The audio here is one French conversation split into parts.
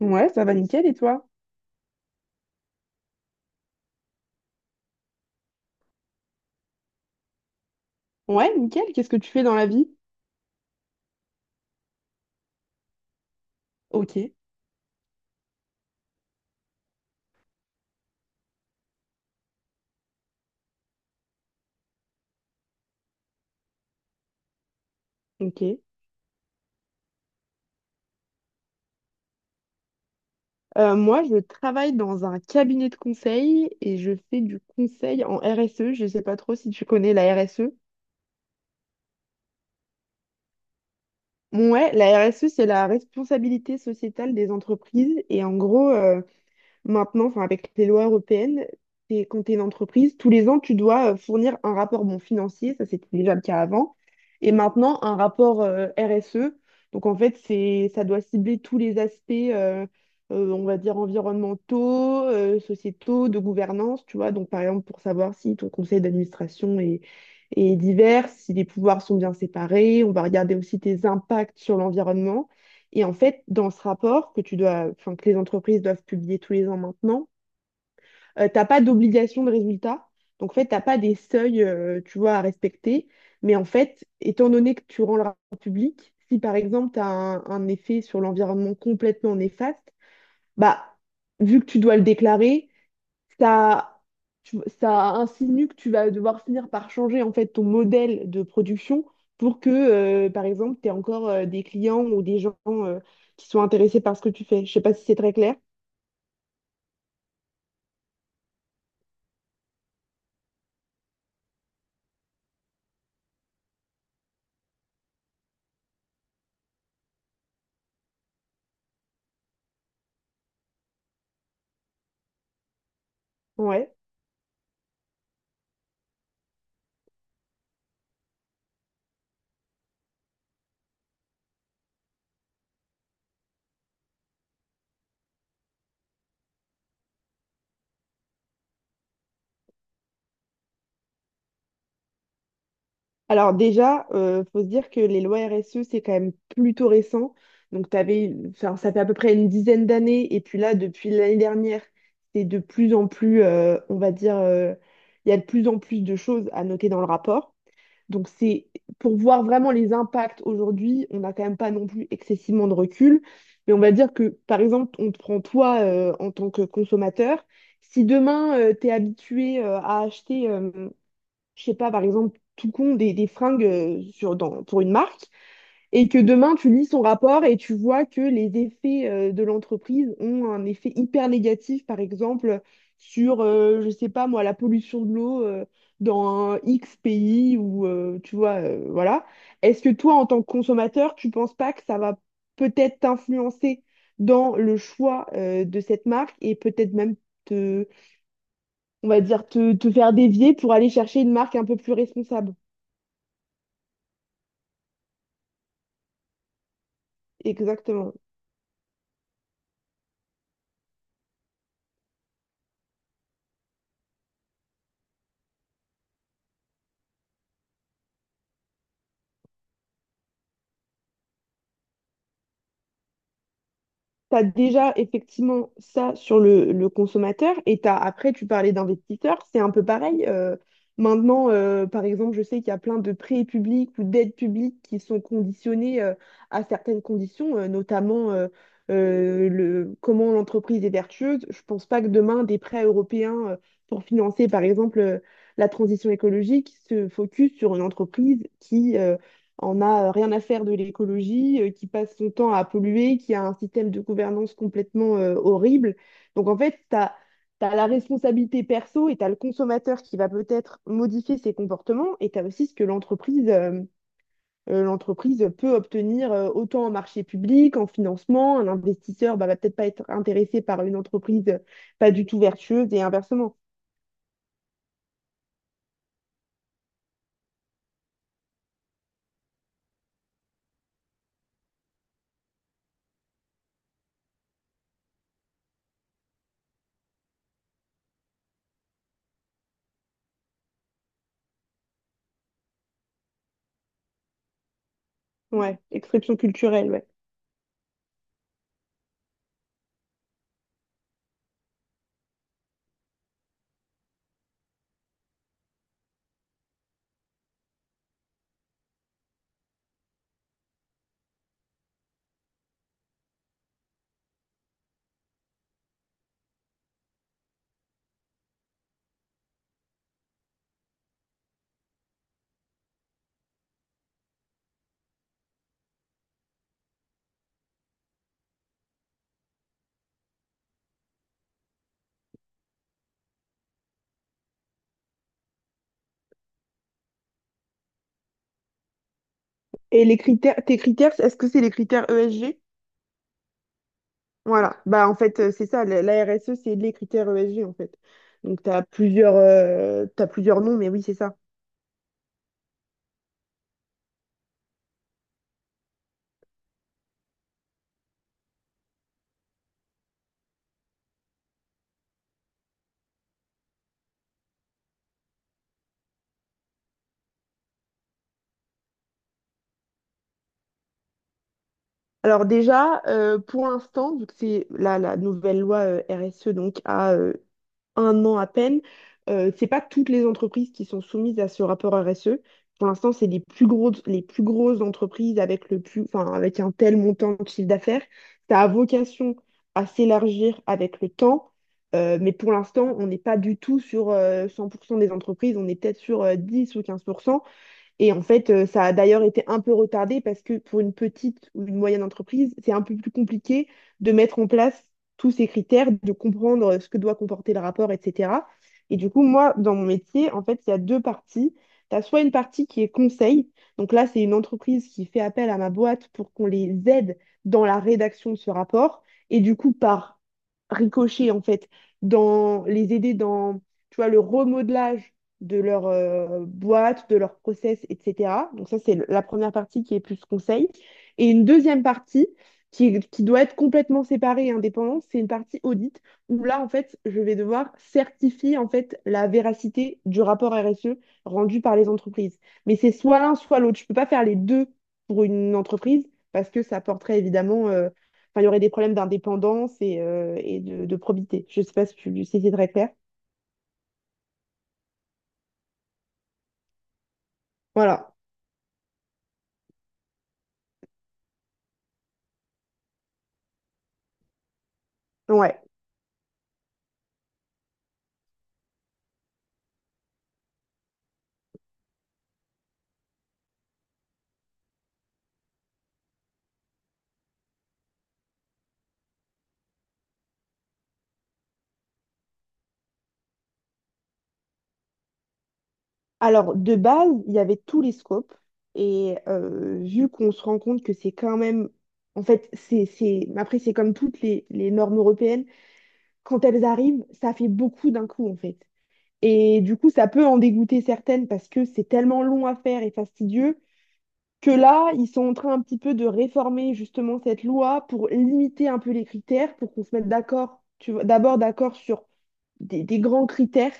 Ouais, ça va nickel et toi? Ouais, nickel. Qu'est-ce que tu fais dans la vie? Ok, ok. Moi, je travaille dans un cabinet de conseil et je fais du conseil en RSE. Je sais pas trop si tu connais la RSE. Ouais, la RSE, c'est la responsabilité sociétale des entreprises. Et en gros, maintenant, enfin, avec les lois européennes, quand tu es une entreprise, tous les ans, tu dois fournir un rapport bon, financier, ça c'était déjà le cas avant, et maintenant un rapport RSE. Donc en fait, ça doit cibler tous les aspects, on va dire, environnementaux, sociétaux, de gouvernance, tu vois. Donc par exemple, pour savoir si ton conseil est divers, si les pouvoirs sont bien séparés, on va regarder aussi tes impacts sur l'environnement. Et en fait, dans ce rapport que tu dois, enfin, que les entreprises doivent publier tous les ans maintenant, t'as pas d'obligation de résultat. Donc, en fait, t'as pas des seuils, tu vois, à respecter. Mais en fait, étant donné que tu rends le rapport public, si par exemple, tu as un effet sur l'environnement complètement néfaste, bah, vu que tu dois le déclarer, ça, ça insinue que tu vas devoir finir par changer en fait ton modèle de production pour que, par exemple, tu aies encore des clients ou des gens qui sont intéressés par ce que tu fais. Je sais pas si c'est très clair. Ouais. Alors déjà, faut se dire que les lois RSE, c'est quand même plutôt récent. Donc t'avais, enfin, ça fait à peu près une dizaine d'années. Et puis là, depuis l'année dernière, c'est de plus en plus, on va dire, il y a de plus en plus de choses à noter dans le rapport. Donc c'est pour voir vraiment les impacts aujourd'hui, on n'a quand même pas non plus excessivement de recul. Mais on va dire que, par exemple, on te prend toi en tant que consommateur. Si demain, tu es habitué à acheter je sais pas, par exemple, tout con des fringues pour une marque, et que demain tu lis son rapport et tu vois que les effets de l'entreprise ont un effet hyper négatif, par exemple, sur, je sais pas moi, la pollution de l'eau dans un X pays ou, tu vois, voilà. Est-ce que toi, en tant que consommateur, tu penses pas que ça va peut-être t'influencer dans le choix de cette marque et peut-être même te, on va dire, te faire dévier pour aller chercher une marque un peu plus responsable? Exactement. Tu as déjà effectivement ça sur le consommateur et t'as, après, tu parlais d'investisseurs, c'est un peu pareil. Par exemple, je sais qu'il y a plein de prêts publics ou d'aides publiques qui sont conditionnés à certaines conditions, comment l'entreprise est vertueuse. Je pense pas que demain, des prêts européens pour financer, par exemple, la transition écologique se focus sur une entreprise qui on a rien à faire de l'écologie, qui passe son temps à polluer, qui a un système de gouvernance complètement horrible. Donc en fait, tu as la responsabilité perso et tu as le consommateur qui va peut-être modifier ses comportements et tu as aussi ce que l'entreprise peut obtenir autant en marché public, en financement. Un investisseur bah, va peut-être pas être intéressé par une entreprise pas du tout vertueuse et inversement. Ouais, expression culturelle, ouais. Et les critères, tes critères, est-ce que c'est les critères ESG? Voilà, bah en fait, c'est ça, la RSE, c'est les critères ESG en fait. Donc tu as plusieurs, t'as plusieurs noms, mais oui, c'est ça. Alors déjà, pour l'instant, vu que c'est la nouvelle loi RSE, donc à un an à peine. C'est pas toutes les entreprises qui sont soumises à ce rapport RSE. Pour l'instant, c'est les plus grosses entreprises avec le plus, enfin, avec un tel montant de chiffre d'affaires. Ça a vocation à s'élargir avec le temps. Mais pour l'instant, on n'est pas du tout sur 100% des entreprises, on est peut-être sur 10 ou 15%. Et en fait, ça a d'ailleurs été un peu retardé parce que pour une petite ou une moyenne entreprise, c'est un peu plus compliqué de mettre en place tous ces critères, de comprendre ce que doit comporter le rapport, etc. Et du coup, moi, dans mon métier, en fait, il y a deux parties. Tu as soit une partie qui est conseil. Donc là, c'est une entreprise qui fait appel à ma boîte pour qu'on les aide dans la rédaction de ce rapport. Et du coup, par ricochet, en fait, dans les aider dans, tu vois, le remodelage de leur boîte, de leur process, etc. Donc ça, c'est la première partie qui est plus conseil. Et une deuxième partie qui doit être complètement séparée et indépendante, c'est une partie audit où là, en fait, je vais devoir certifier en fait la véracité du rapport RSE rendu par les entreprises. Mais c'est soit l'un, soit l'autre. Je ne peux pas faire les deux pour une entreprise parce que ça porterait évidemment enfin, il y aurait des problèmes d'indépendance et, de probité. Je ne sais pas si c'est très clair. Voilà. Ouais. Alors, de base, il y avait tous les scopes. Et vu qu'on se rend compte que c'est quand même, en fait, c'est, après, c'est comme toutes les normes européennes. Quand elles arrivent, ça fait beaucoup d'un coup, en fait. Et du coup, ça peut en dégoûter certaines parce que c'est tellement long à faire et fastidieux que là, ils sont en train un petit peu de réformer justement cette loi pour limiter un peu les critères, pour qu'on se mette d'accord, tu vois, d'abord d'accord sur des grands critères.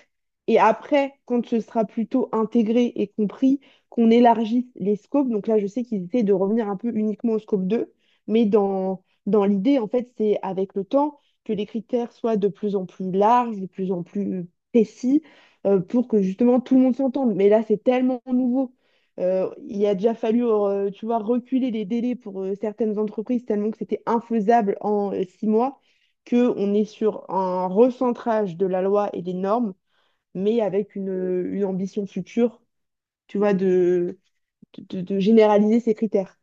Et après, quand ce sera plutôt intégré et compris, qu'on élargisse les scopes. Donc là, je sais qu'ils essaient de revenir un peu uniquement au scope 2 mais dans l'idée, en fait, c'est avec le temps que les critères soient de plus en plus larges, de plus en plus précis, pour que justement tout le monde s'entende. Mais là, c'est tellement nouveau. Il a déjà fallu, tu vois, reculer les délais pour certaines entreprises tellement que c'était infaisable en 6 mois qu'on est sur un recentrage de la loi et des normes, mais avec une ambition future, tu vois, de généraliser ces critères.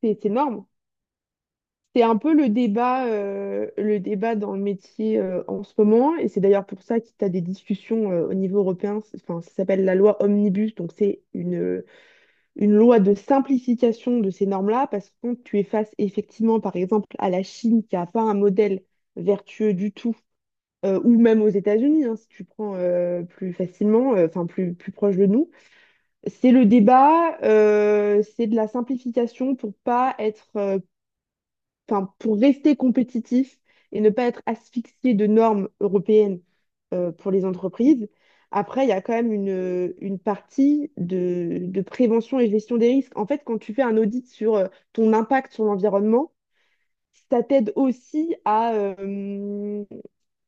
C'est énorme. C'est un peu le débat dans le métier en ce moment, et c'est d'ailleurs pour ça que tu as des discussions au niveau européen. Enfin, ça s'appelle la loi Omnibus, donc c'est une loi de simplification de ces normes-là, parce que quand tu es face effectivement, par exemple, à la Chine qui n'a pas un modèle vertueux du tout, ou même aux États-Unis, hein, si tu prends enfin plus proche de nous, c'est le débat, c'est de la simplification pour pas être enfin, pour rester compétitif et ne pas être asphyxié de normes européennes pour les entreprises. Après, il y a quand même une partie de prévention et gestion des risques. En fait, quand tu fais un audit sur ton impact sur l'environnement, ça t'aide aussi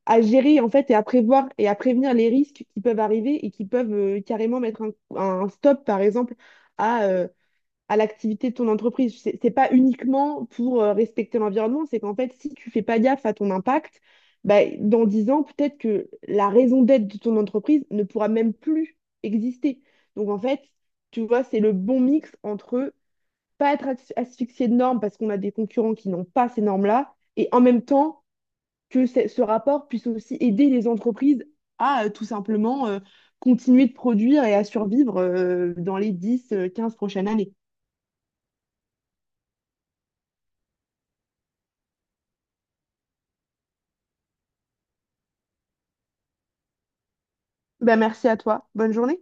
à gérer en fait et à prévoir et à prévenir les risques qui peuvent arriver et qui peuvent carrément mettre un stop, par exemple, à euh, à l'activité de ton entreprise. C'est pas uniquement pour respecter l'environnement, c'est qu'en fait, si tu fais pas gaffe à ton impact, bah, dans 10 ans, peut-être que la raison d'être de ton entreprise ne pourra même plus exister. Donc en fait, tu vois, c'est le bon mix entre pas être asphyxié de normes parce qu'on a des concurrents qui n'ont pas ces normes-là, et en même temps que ce rapport puisse aussi aider les entreprises à tout simplement continuer de produire et à survivre dans les 10, 15 prochaines années. Ben, merci à toi. Bonne journée.